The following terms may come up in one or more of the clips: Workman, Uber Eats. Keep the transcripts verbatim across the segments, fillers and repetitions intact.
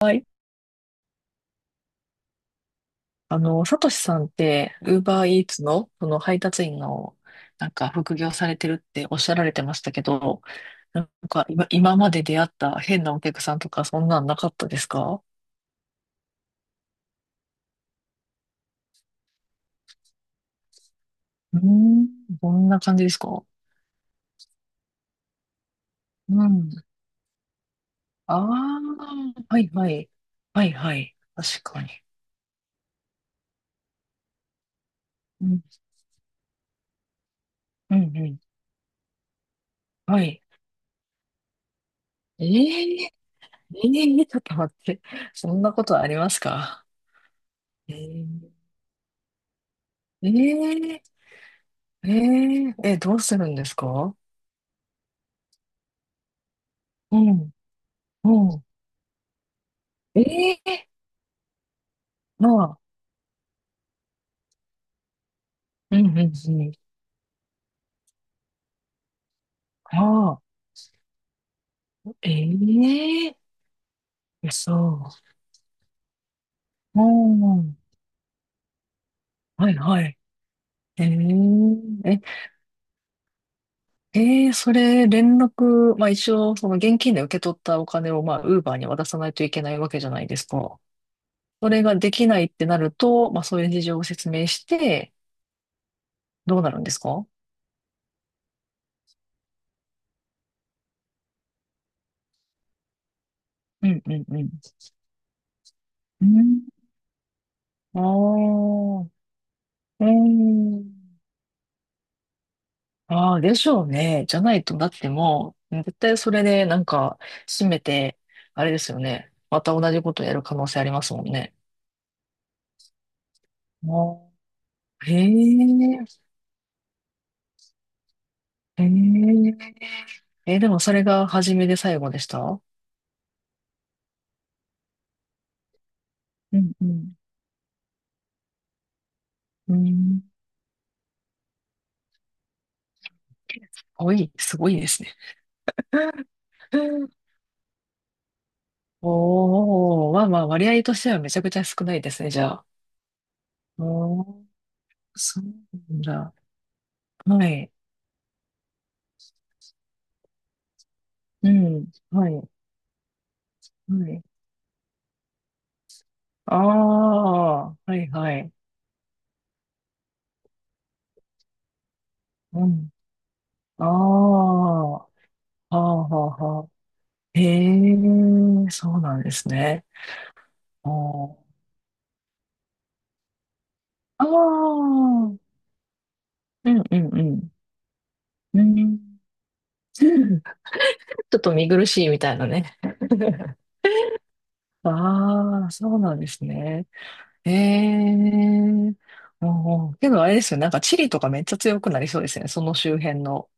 はい。あの、サトシさんって、ウーバーイーツの、その配達員の、なんか、副業されてるっておっしゃられてましたけど、なんか、今、今まで出会った変なお客さんとか、そんなんなかったですか？うーん、どんな感じですか？うん。ああ、はいはい。はいはい。確かに。うん、うん、うん。はい。ええ、ええちょっと待って。そんなことありますか？え、え、ええええ、え、どうするんですか？うん、うん。ええ、ああ、うん、うん、うん。ああ、ええ、そう。うん、はい、はい。ええ、え、ええそれ、連絡、まあ一応、その現金で受け取ったお金を、まあ、ウーバーに渡さないといけないわけじゃないですか。それができないってなると、まあそういう事情を説明して、どうなるんですか？うん、うん、うん。うん、ああ、うん。ああ、でしょうね。じゃないと、だってもう、絶対それでなんか、閉めて、あれですよね。また同じことやる可能性ありますもんね。ああ、へえ、へえ。え、でもそれが初めで最後でした？うんうん。うん。すごい、すごいですね。おお、まあまあ、割合としてはめちゃくちゃ少ないですね、じゃあ。おー、そうなんだ。はい。うん。はい。はい。ああ、はいはい。うん。ああ、はあはあはあ。へえ、そうなんですね。あーあー、うんうんうん。うん、ちょっと見苦しいみたいなね。ああ、そうなんですね。へえ、おー、けどあれですよね、なんかチリとかめっちゃ強くなりそうですね、その周辺の。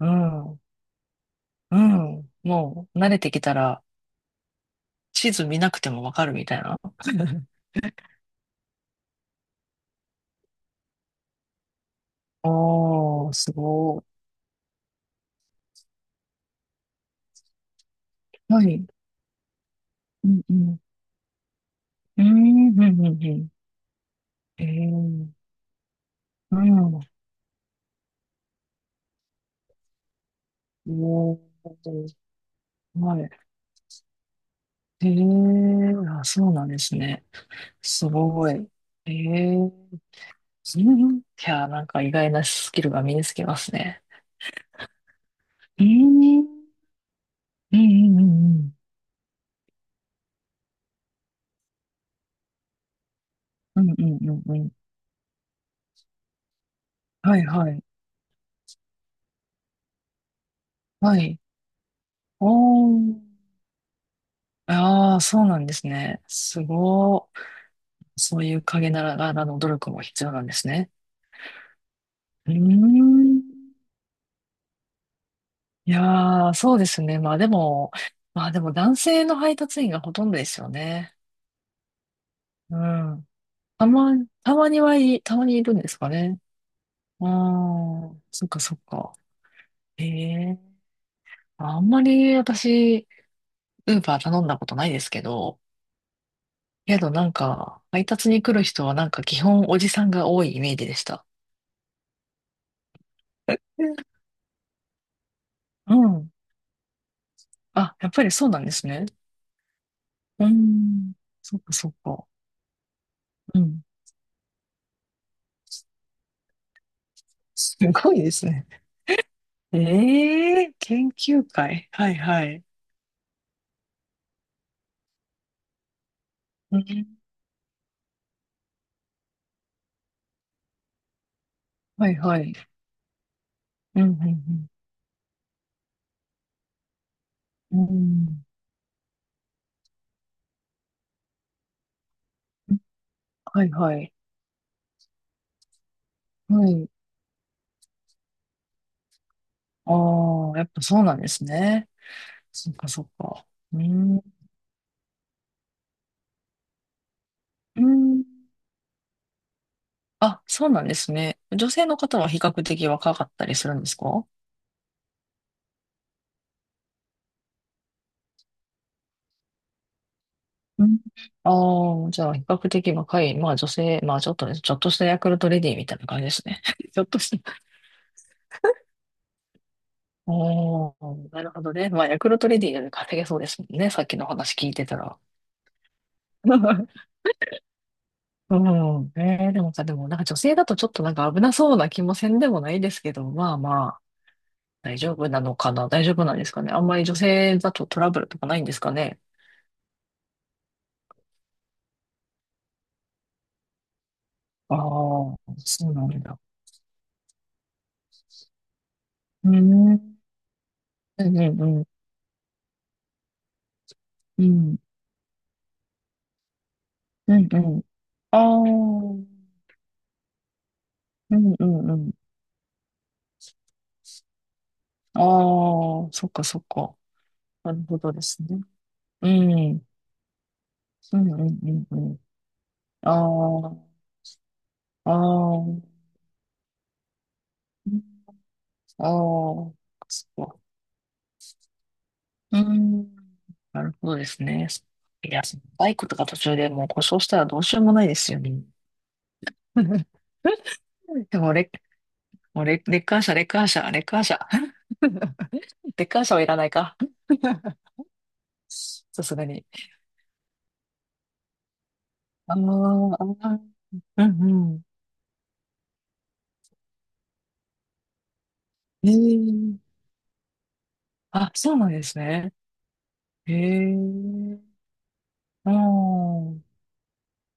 うん、うん、もう慣れてきたら地図見なくてもわかるみたいな。おー、すごい。はい。うんうん。うーん、うん、うん、うん。えー、うん。おー、はい。えー、あ、そうなんですね。すごい。ええ、うん。いや、なんか意外なスキルが身につけますね。うーん、うん、うん、うん、うん。うん、うん、うん、うん。はい、はい。はい。おー。ああ、そうなんですね。すごい、そういう陰ながらの努力も必要なんですね。うーん。いやー、そうですね。まあでも、まあでも男性の配達員がほとんどですよね。うん。たま、たまにはい、たまにいるんですかね。うーん。そっかそっか。ええ、まあんまり私、ウーバー頼んだことないですけど、けどなんか、配達に来る人はなんか基本おじさんが多いイメージでした。うん。うん、あ、やっぱりそうなんですね。うーん。そっかそっか。うん。すごいですね。ええ、研究会。はいはい。うん、はいはい。うん、うん、うん。うん、はいはい。はい。ああ、やっぱそうなんですね。そっかそっか。うん。うん。あ、そうなんですね。女性の方は比較的若かったりするんですか？うん。ああ、じゃあ比較的若い、まあ女性、まあちょっとね、ちょっとしたヤクルトレディーみたいな感じですね。ちょっとした。おー、なるほどね。まあヤクルトレディーより稼げそうですもんね。さっきの話聞いてたら。うん。えー、でもさ、でもなんか女性だとちょっとなんか危なそうな気もせんでもないですけど、まあまあ、大丈夫なのかな？大丈夫なんですかね？あんまり女性だとトラブルとかないんですかね？ああ、そうなんだ。うん、うんうんうん、うん、うんうん。ああ、うんうんうん。ああ、そっかそっか。なるほどですね。うん、うんうんうんうん。ああ、ああ、ああ、そっか、うーん。なるほどですね。いや、バイクとか途中でもう故障したらどうしようもないですよね。でもレ、もうレ、レッカー車、レッカー車、レッカー車。レッカー車はいらないか。さすがに。あーあー、あ、うんうん。ええ、あ、そうなんですね。ええ、ああ、うん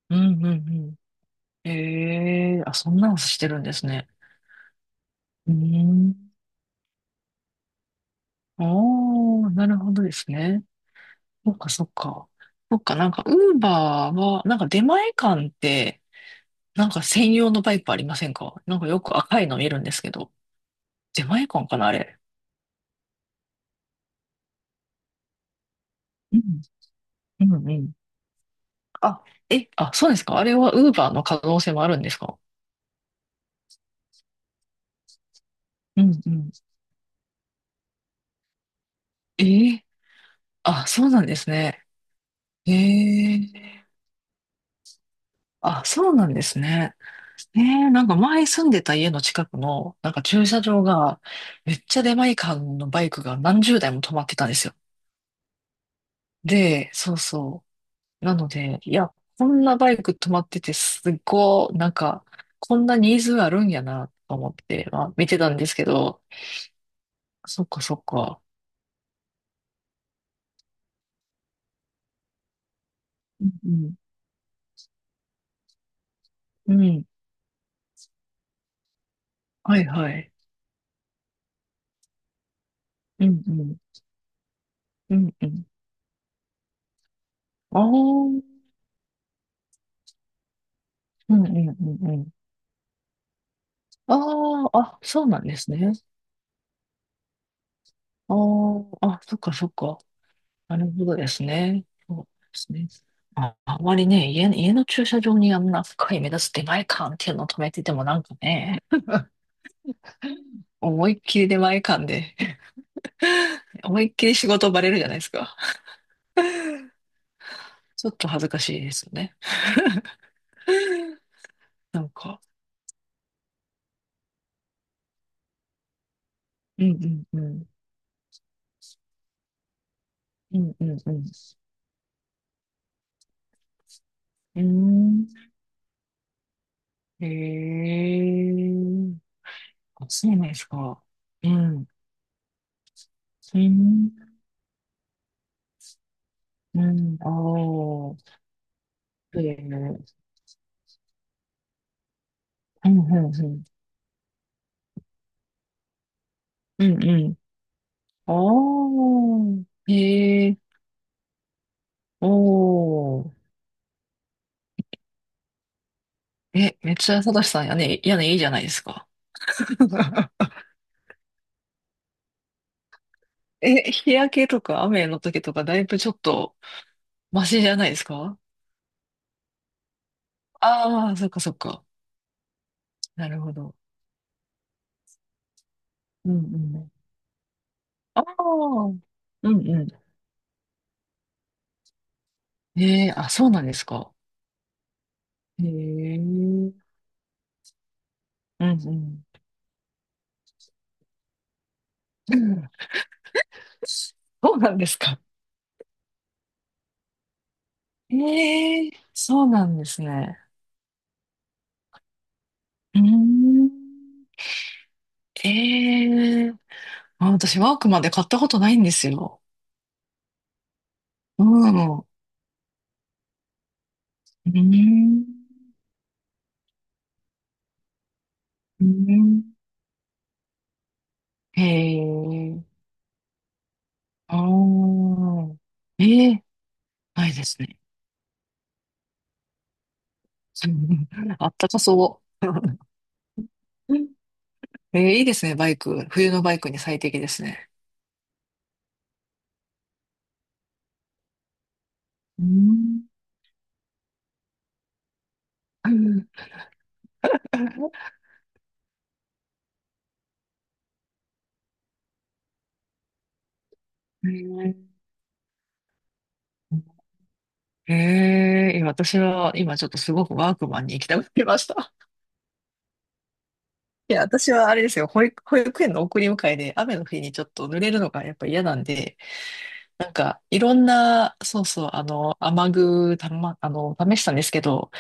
うんうん。ええ、あ、そんなのしてるんですね。うーん。ああ、なるほどですね。そっか、そっか。そっか、なんか、ウーバーは、なんか出前館って、なんか専用のバイクありませんか？なんかよく赤いの見るんですけど。出前館かな、あれ。うん、うん、うん。あ、え、あ、そうですか。あれはウーバーの可能性もあるんですか？うん、うん。えー、あ、そうなんですね。ええ、あ、そうなんですね。ええ、なんか前住んでた家の近くの、なんか駐車場が、めっちゃ出前館のバイクが何十台も止まってたんですよ。で、そうそう。なので、いや、こんなバイク止まってて、すっごい、なんか、こんなニーズあるんやな、と思って、まあ、見てたんですけど、そっかそっか。うんうん。うん。はいはい。うんうん。うんうん。ああ、うんうんうんうん。ああ、あ、そうなんですね。ああ、あ、そっかそっか。なるほどですね。そうですね。あ、あまりね、家、家の駐車場にあんな深い目立つ出前感っていうのを止めててもなんかね、思いっきり出前感で思いっきり仕事バレるじゃないですか。ちょっと恥ずかしいですよね。なんか。うんうんうん。うんうんうん。うーん。へえ。あ、そうなんですか。うん。うん。うん。ああ。そうですね。うんうんうん。うんうん。ああ。へえ。おお。え、めっちゃサトシさん、屋根、屋根いいじゃないですか。え、日焼けとか雨の時とかだいぶちょっとマシじゃないですか？ああ、そっかそっか。なるほど。うんうん。ああ、うんうん。ええ、あ、そうなんですか。へえ、うんうん。うん、そうなんですか。ええ、そうなんですね。うーん。ええ、あ、私ワークマンで買ったことないんですよ。うん。うーん。うん。へえ、ああ、ええ、ないですね。あったかそう。えー、いいですね、バイク。冬のバイクに最適ですね。うん。ええー、いや私は今ちょっとすごくワークマンに行きたくなりました。いや、私はあれですよ、保育、保育園の送り迎えで雨の日にちょっと濡れるのがやっぱ嫌なんで、なんかいろんな、そうそう、あの、雨具たま、あの、試したんですけど、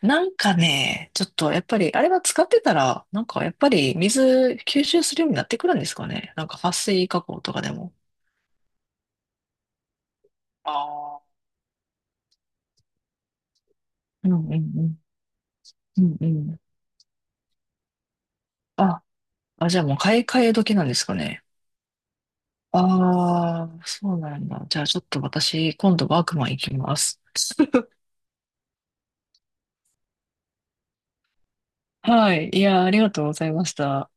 なんかね、ちょっとやっぱり、あれは使ってたら、なんかやっぱり水吸収するようになってくるんですかね。なんか撥水加工とかでも。あー、うんうんうん。うんうん。あ、あ、じゃあもう買い替え時なんですかね。ああ、そうなんだ。じゃあちょっと私、今度ワークマン行きます。はい。いや、ありがとうございました。